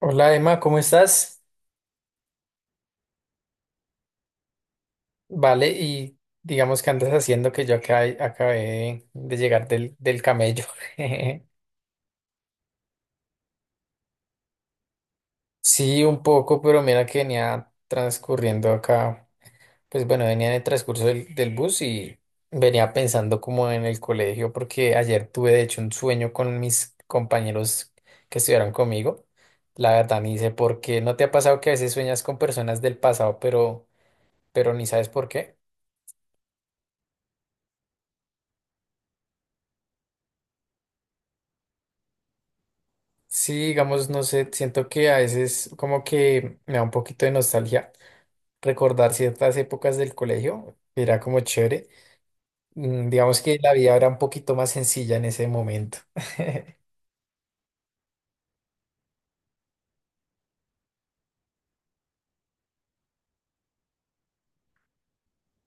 Hola Emma, ¿cómo estás? Vale, y digamos que andas haciendo que yo acá, acabé de llegar del camello. Sí, un poco, pero mira que venía transcurriendo acá, pues bueno, venía en el transcurso del bus y venía pensando como en el colegio, porque ayer tuve de hecho un sueño con mis compañeros que estudiaron conmigo. La verdad, ni sé por qué. ¿No te ha pasado que a veces sueñas con personas del pasado, pero ni sabes por qué? Sí, digamos, no sé, siento que a veces como que me da un poquito de nostalgia recordar ciertas épocas del colegio, que era como chévere. Digamos que la vida era un poquito más sencilla en ese momento.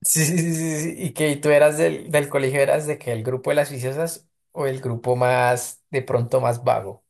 Sí, sí, sí, sí, sí. Y que tú eras del colegio, eras de que el grupo de las viciosas o el grupo más, de pronto más vago.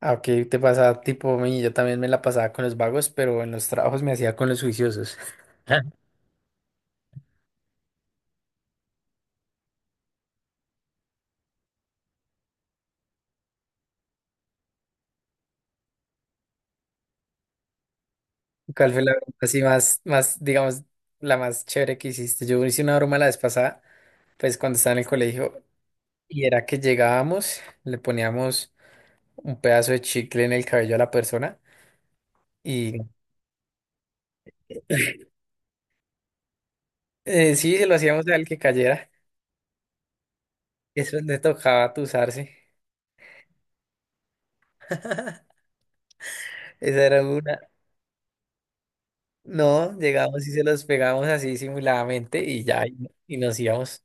Ah, ok, te pasaba tipo a mí, yo también me la pasaba con los vagos, pero en los trabajos me hacía con los juiciosos. ¿Cuál fue la broma así digamos, la más chévere que hiciste? Yo hice una broma la vez pasada, pues cuando estaba en el colegio, y era que llegábamos, le poníamos un pedazo de chicle en el cabello a la persona, y sí, se lo hacíamos al que cayera, eso le tocaba atusarse. Esa era una. No, llegamos y se los pegábamos así simuladamente y ya, y nos íbamos.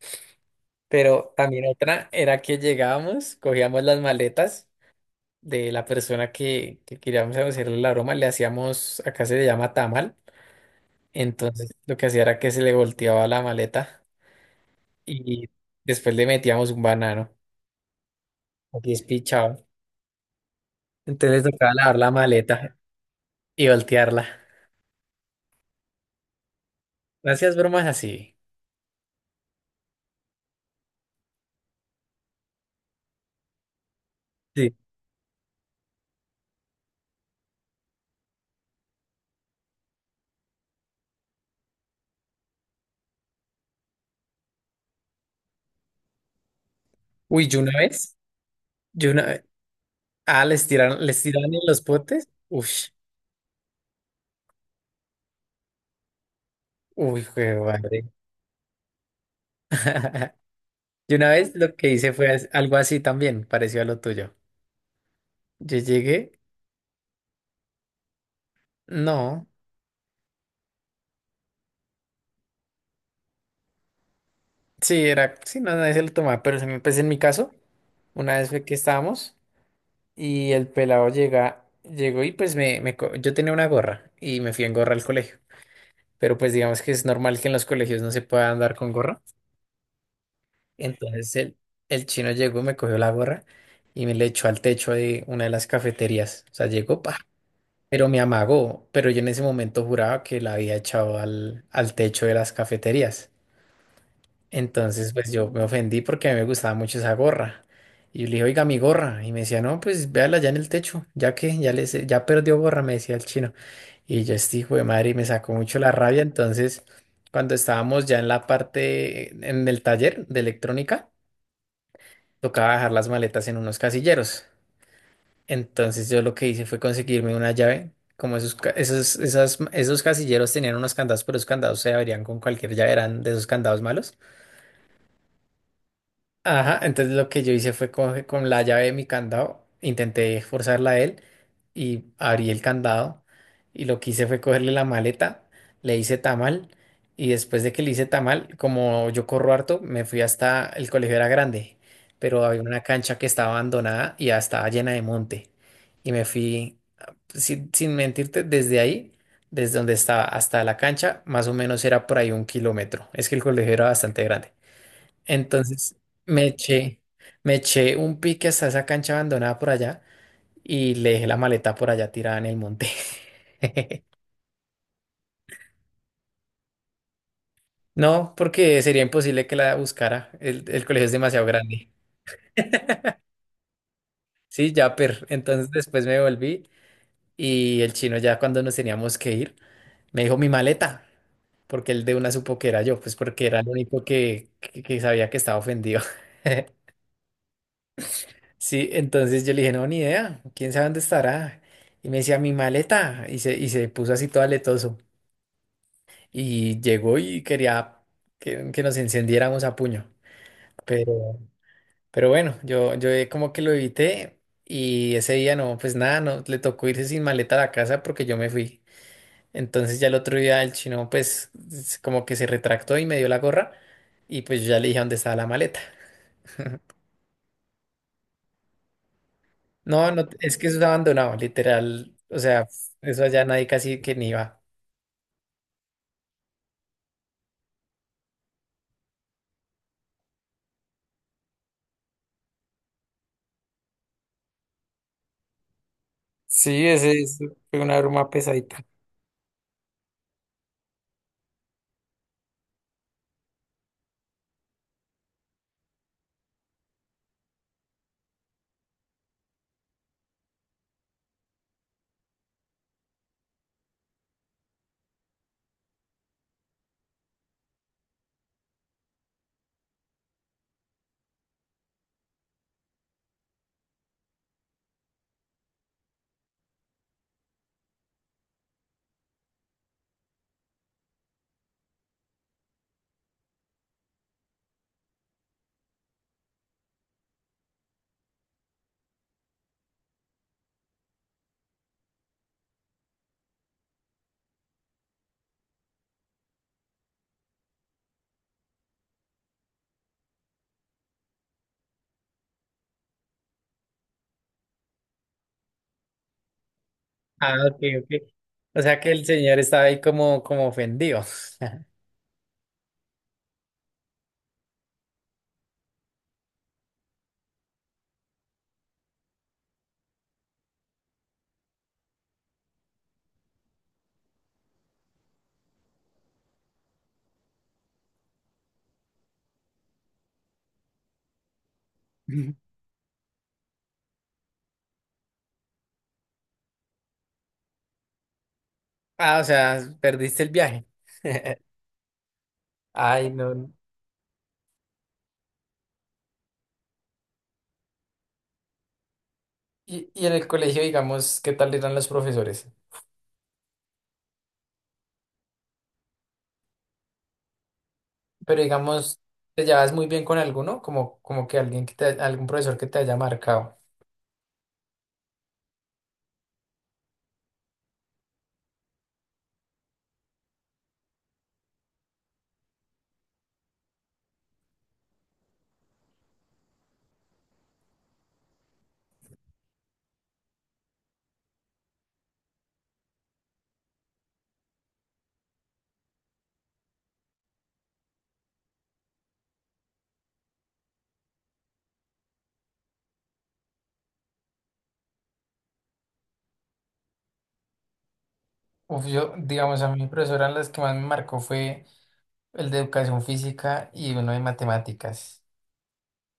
Pero también otra era que llegábamos, cogíamos las maletas de la persona que queríamos hacerle la broma, le hacíamos, acá se le llama tamal, entonces lo que hacía era que se le volteaba la maleta y después le metíamos un banano, aquí es pichado, entonces le tocaba lavar la maleta y voltearla. Gracias, bromas así. Sí. Uy, yo una vez, les tiraron en los potes, uy, uy, qué madre. Yo una vez lo que hice fue algo así también, parecido a lo tuyo. Yo llegué, no. Sí, era, sí, no, nadie se lo tomaba, pero pues en mi caso, una vez fue que estábamos y el pelado llegó y pues yo tenía una gorra y me fui en gorra al colegio, pero pues digamos que es normal que en los colegios no se pueda andar con gorra, entonces el chino llegó, me cogió la gorra y me le echó al techo de una de las cafeterías, o sea, llegó, pa, pero me amagó, pero yo en ese momento juraba que la había echado al techo de las cafeterías. Entonces, pues yo me ofendí porque a mí me gustaba mucho esa gorra. Y yo le dije, oiga, mi gorra. Y me decía, no, pues véala ya en el techo, ya que ya, les, ya perdió gorra, me decía el chino. Y yo, este hijo de madre, y me sacó mucho la rabia. Entonces, cuando estábamos ya en la parte, en el taller de electrónica, tocaba dejar las maletas en unos casilleros. Entonces, yo lo que hice fue conseguirme una llave. Como esos, ca- esos, esas- esos casilleros tenían unos candados, pero esos candados se abrían con cualquier llave, eran de esos candados malos. Ajá, entonces lo que yo hice fue con la llave de mi candado, intenté forzarla a él y abrí el candado y lo que hice fue cogerle la maleta, le hice tamal y después de que le hice tamal, como yo corro harto, me fui hasta el colegio era grande, pero había una cancha que estaba abandonada y ya estaba llena de monte y me fui, sin mentirte, desde ahí, desde donde estaba hasta la cancha, más o menos era por ahí un kilómetro, es que el colegio era bastante grande. Entonces me eché, me eché un pique hasta esa cancha abandonada por allá y le dejé la maleta por allá tirada en el monte. No, porque sería imposible que la buscara. El colegio es demasiado grande. Sí, ya, per. Entonces después me volví y el chino ya cuando nos teníamos que ir, me dijo mi maleta, porque él de una supo que era yo, pues porque era el único que sabía que estaba ofendido. Sí, entonces yo le dije, no, ni idea, quién sabe dónde estará. Y me decía, mi maleta. Y se puso así todo aletoso. Y llegó y quería que nos encendiéramos a puño. Pero, pero bueno, yo como que lo evité. Y ese día no, pues nada, no, le tocó irse sin maleta a la casa porque yo me fui. Entonces ya el otro día el chino, pues como que se retractó y me dio la gorra. Y pues yo ya le dije dónde estaba la maleta. No, no, es que eso es abandonado, literal. O sea, eso allá nadie casi que ni va. Sí, fue una broma pesadita. Ah, ok, ok. O sea que el señor estaba ahí como, como ofendido. Ah, o sea, perdiste el viaje. Ay, no. Y en el colegio, digamos, ¿qué tal eran los profesores? Pero digamos, ¿te llevas muy bien con alguno? Como, como que alguien que te, algún profesor que te haya marcado. Uf, yo, digamos, a mi profesora las que más me marcó fue el de educación física y uno de matemáticas.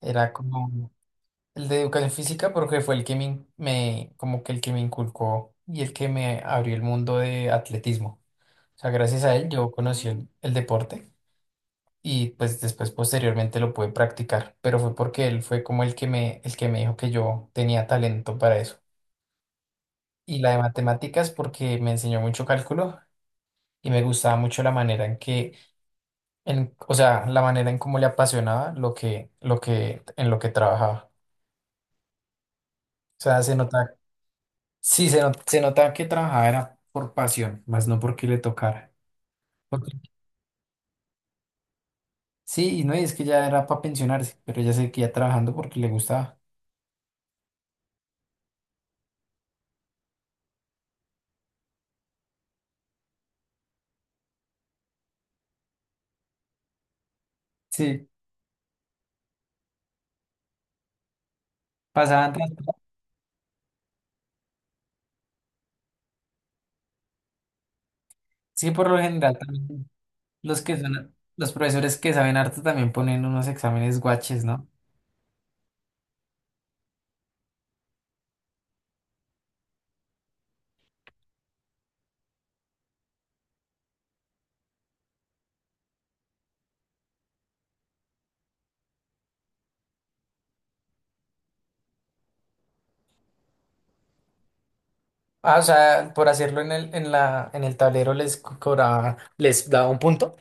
Era como, el de educación física porque fue el que como que el que me inculcó y el que me abrió el mundo de atletismo. O sea, gracias a él yo conocí el deporte y pues después posteriormente lo pude practicar, pero fue porque él fue como el que me dijo que yo tenía talento para eso. Y la de matemáticas porque me enseñó mucho cálculo y me gustaba mucho la manera en que, en, o sea, la manera en cómo le apasionaba lo que, en lo que trabajaba. O sea, se notaba. Sí, se, not- se notaba que trabajaba era por pasión, más no porque le tocara. Porque, sí, y no, y es que ya era para pensionarse, pero ella seguía trabajando porque le gustaba. Sí, pasaban tanto. Sí, por lo general también los que son, los profesores que saben harto también ponen unos exámenes guaches, ¿no? Ah, o sea, por hacerlo en en el tablero cobraba, les daba un punto.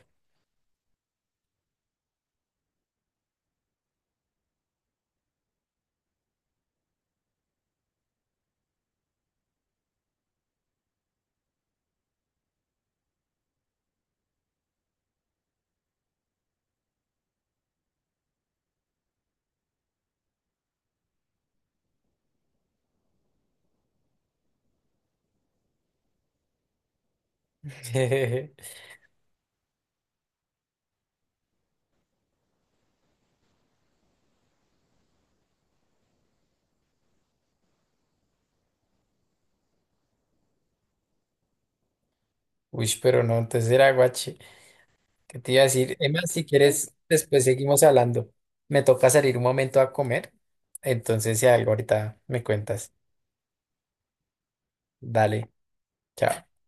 Uy, pero no, entonces era guache. ¿Qué te iba a decir? Emma, si quieres, después seguimos hablando. Me toca salir un momento a comer, entonces si algo ahorita me cuentas. Dale, chao.